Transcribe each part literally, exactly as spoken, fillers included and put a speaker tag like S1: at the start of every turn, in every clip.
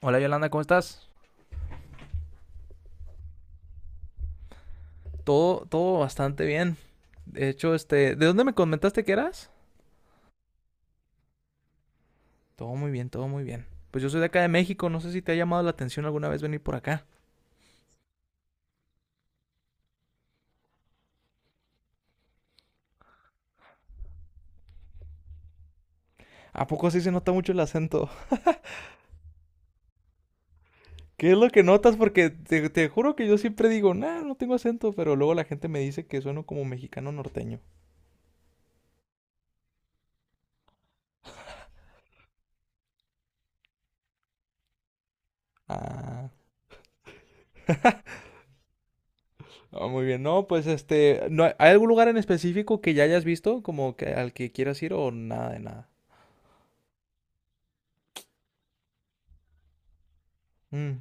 S1: Hola Yolanda, ¿cómo estás? Todo, todo bastante bien. De hecho, este, ¿de dónde me comentaste que eras? Todo muy bien, todo muy bien. Pues yo soy de acá de México, no sé si te ha llamado la atención alguna vez venir por acá. ¿A poco sí se nota mucho el acento? ¿Qué es lo que notas? Porque te, te juro que yo siempre digo, nah, no tengo acento, pero luego la gente me dice que sueno como mexicano norteño. Ah, ah, muy bien. No, pues este, ¿no hay hay algún lugar en específico que ya hayas visto, como que al que quieras ir o nada de nada? Mm.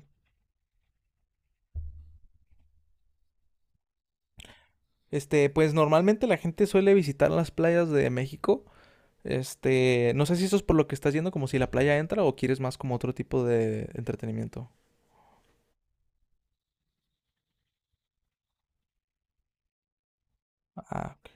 S1: Este, pues normalmente la gente suele visitar las playas de México. Este, no sé si eso es por lo que estás yendo, como si la playa entra o quieres más como otro tipo de entretenimiento. Ah, ok.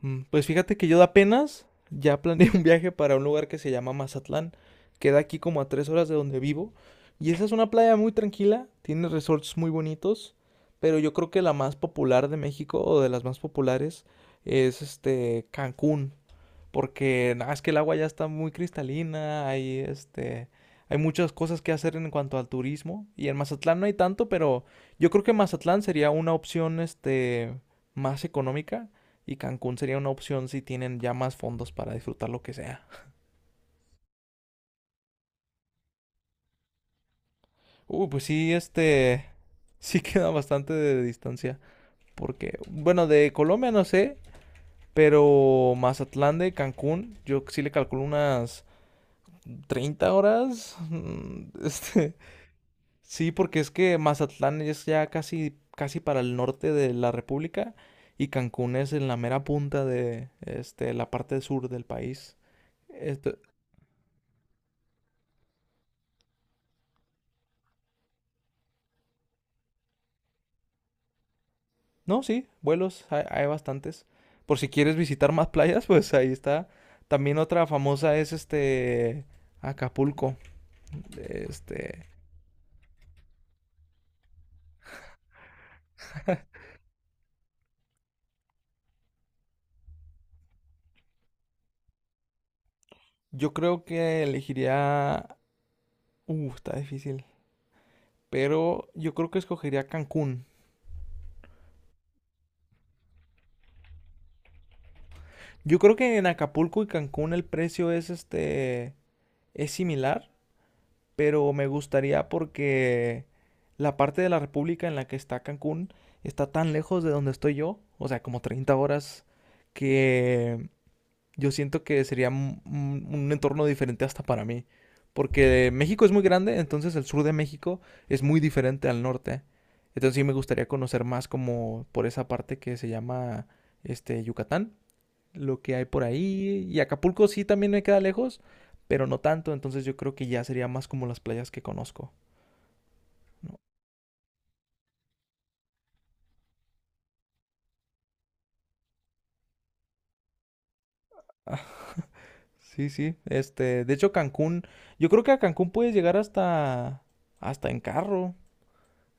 S1: Mm, pues fíjate que yo apenas ya planeé un viaje para un lugar que se llama Mazatlán. Queda aquí como a tres horas de donde vivo. Y esa es una playa muy tranquila, tiene resorts muy bonitos, pero yo creo que la más popular de México, o de las más populares, es este Cancún. Porque nada, es que el agua ya está muy cristalina, hay este, hay muchas cosas que hacer en cuanto al turismo, y en Mazatlán no hay tanto, pero yo creo que Mazatlán sería una opción este más económica, y Cancún sería una opción si tienen ya más fondos para disfrutar lo que sea. Uh, pues sí, este sí queda bastante de distancia, porque bueno, de Colombia no sé, pero Mazatlán de Cancún yo sí le calculo unas treinta horas. mm, Este, sí, porque es que Mazatlán es ya casi, casi para el norte de la República, y Cancún es en la mera punta de este, la parte sur del país. Esto- no, sí, vuelos hay, hay bastantes. Por si quieres visitar más playas, pues ahí está. También otra famosa es este Acapulco. Este, yo creo que elegiría... Uh, está difícil. Pero yo creo que escogería Cancún. Yo creo que en Acapulco y Cancún el precio es este es similar, pero me gustaría porque la parte de la República en la que está Cancún está tan lejos de donde estoy yo, o sea, como treinta horas, que yo siento que sería un, un- un entorno diferente hasta para mí. Porque México es muy grande, entonces el sur de México es muy diferente al norte. Entonces sí me gustaría conocer más como por esa parte que se llama este Yucatán, lo que hay por ahí. Y Acapulco sí también me queda lejos, pero no tanto, entonces yo creo que ya sería más como las playas que conozco, ¿no? Ah, sí, sí. Este, de hecho Cancún, yo creo que a Cancún puedes llegar hasta hasta en carro.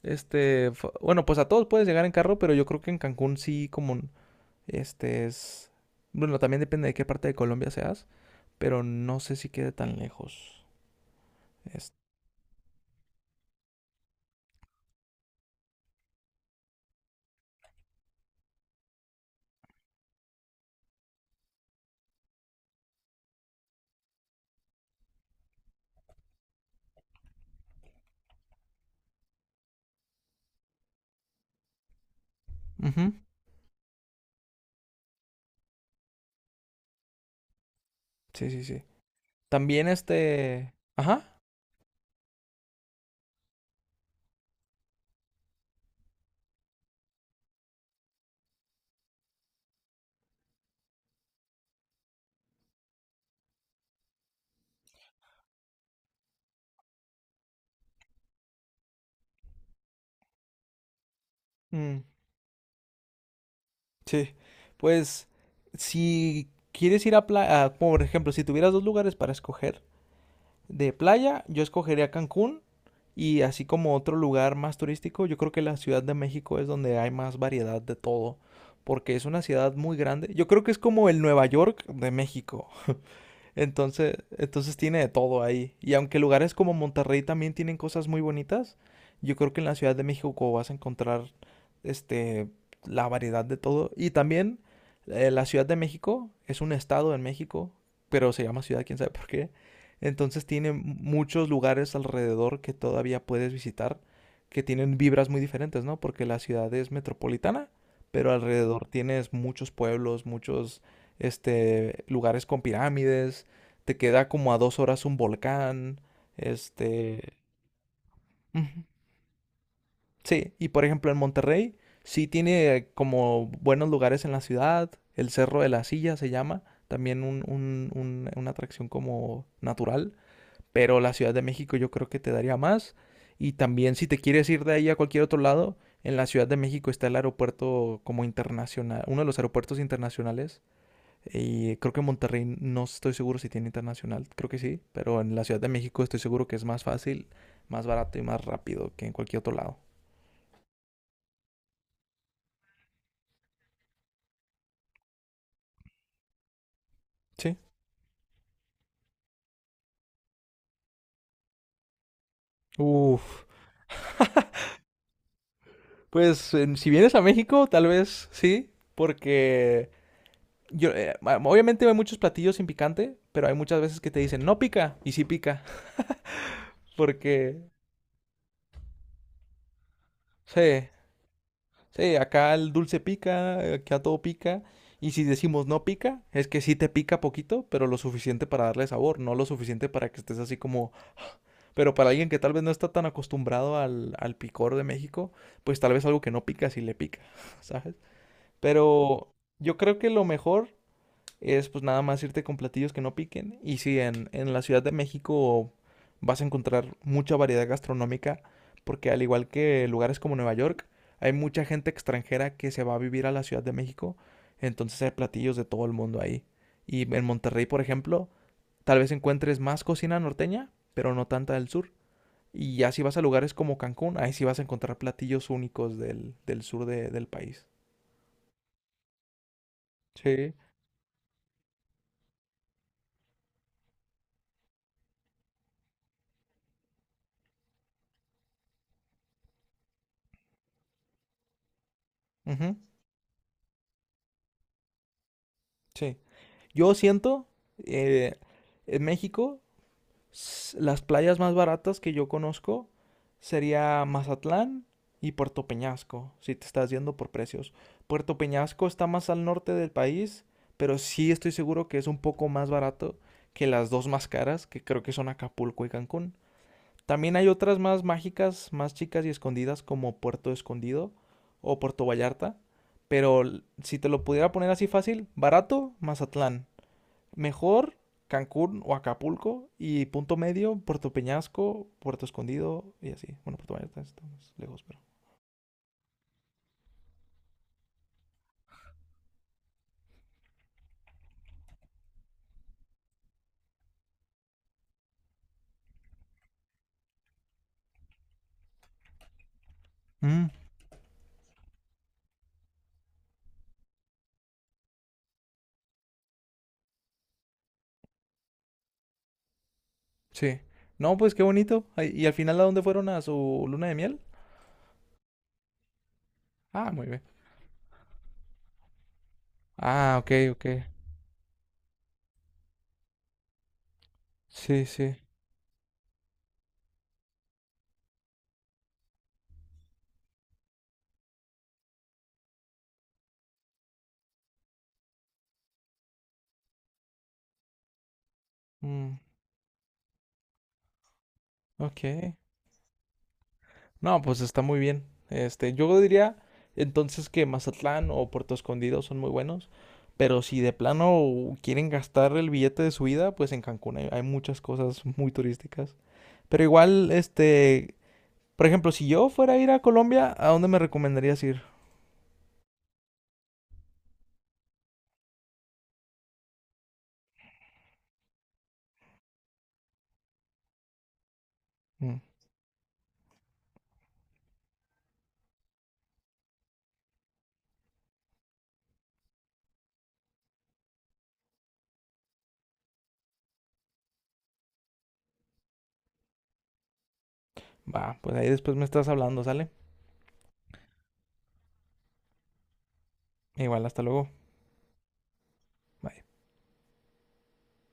S1: Este, fa- bueno, pues a todos puedes llegar en carro, pero yo creo que en Cancún sí como este es bueno, también depende de qué parte de Colombia seas, pero no sé si quede tan lejos. Es- Ujú. Sí, sí, sí. También este, ajá. Mm. Sí, pues si quieres ir a playa, por ejemplo, si tuvieras dos lugares para escoger de playa, yo escogería Cancún, y así como otro lugar más turístico, yo creo que la Ciudad de México es donde hay más variedad de todo, porque es una ciudad muy grande. Yo creo que es como el Nueva York de México. Entonces, entonces tiene de todo ahí. Y aunque lugares como Monterrey también tienen cosas muy bonitas, yo creo que en la Ciudad de México vas a encontrar este la variedad de todo. Y también eh, la Ciudad de México es un estado en México, pero se llama ciudad, quién sabe por qué. Entonces tiene muchos lugares alrededor que todavía puedes visitar, que tienen vibras muy diferentes, ¿no? Porque la ciudad es metropolitana, pero alrededor tienes muchos pueblos, muchos este lugares con pirámides, te queda como a dos horas un volcán, este... Ujú. Sí, y por ejemplo en Monterrey sí tiene como buenos lugares en la ciudad, el Cerro de la Silla se llama, también un- un- un- una atracción como natural, pero la Ciudad de México yo creo que te daría más. Y también si te quieres ir de ahí a cualquier otro lado, en la Ciudad de México está el aeropuerto como internacional, uno de los aeropuertos internacionales, y creo que Monterrey, no estoy seguro si tiene internacional, creo que sí, pero en la Ciudad de México estoy seguro que es más fácil, más barato y más rápido que en cualquier otro lado. Sí. Uf, pues en- si vienes a México, tal vez sí, porque yo, eh, ah, obviamente hay muchos platillos sin picante, pero hay muchas veces que te dicen no pica y sí pica, porque sí. Sí, acá el dulce pica, acá todo pica. Y si decimos no pica, es que sí te pica poquito, pero lo suficiente para darle sabor, no lo suficiente para que estés así como... Pero para alguien que tal vez no está tan acostumbrado al, al picor de México, pues tal vez algo que no pica sí le pica, ¿sabes? Pero yo creo que lo mejor es pues nada más irte con platillos que no piquen. Y sí, en, en la Ciudad de México vas a encontrar mucha variedad gastronómica, porque al igual que lugares como Nueva York, hay mucha gente extranjera que se va a vivir a la Ciudad de México, entonces hay platillos de todo el mundo ahí. Y en Monterrey, por ejemplo, tal vez encuentres más cocina norteña, pero no tanta del sur. Y ya si vas a lugares como Cancún, ahí sí vas a encontrar platillos únicos del, del sur de- del país. Sí. Ujú. Sí. Yo siento, eh, en México, s- las playas más baratas que yo conozco sería Mazatlán y Puerto Peñasco, si te estás yendo por precios. Puerto Peñasco está más al norte del país, pero sí estoy seguro que es un poco más barato que las dos más caras, que creo que son Acapulco y Cancún. También hay otras más mágicas, más chicas y escondidas, como Puerto Escondido o Puerto Vallarta. Pero l- si te lo pudiera poner así, fácil, barato, Mazatlán. Mejor, Cancún o Acapulco, y punto medio, Puerto Peñasco, Puerto Escondido y así. Bueno, Puerto Vallarta está más lejos, pero... Mm, sí. No, pues qué bonito. Ay, ¿y al final a dónde fueron a su luna de miel? Ah, muy bien. Ah, ok, ok. Sí, sí. Mm, ok. No, pues está muy bien. Este, yo diría entonces que Mazatlán o Puerto Escondido son muy buenos, pero si de plano quieren gastar el billete de su vida, pues en Cancún hay, hay muchas cosas muy turísticas. Pero igual, este, por ejemplo, si yo fuera a ir a Colombia, ¿a dónde me recomendarías ir? Mm. Va, mm, pues ahí después me estás hablando, ¿sale? Igual, hasta luego. Bye.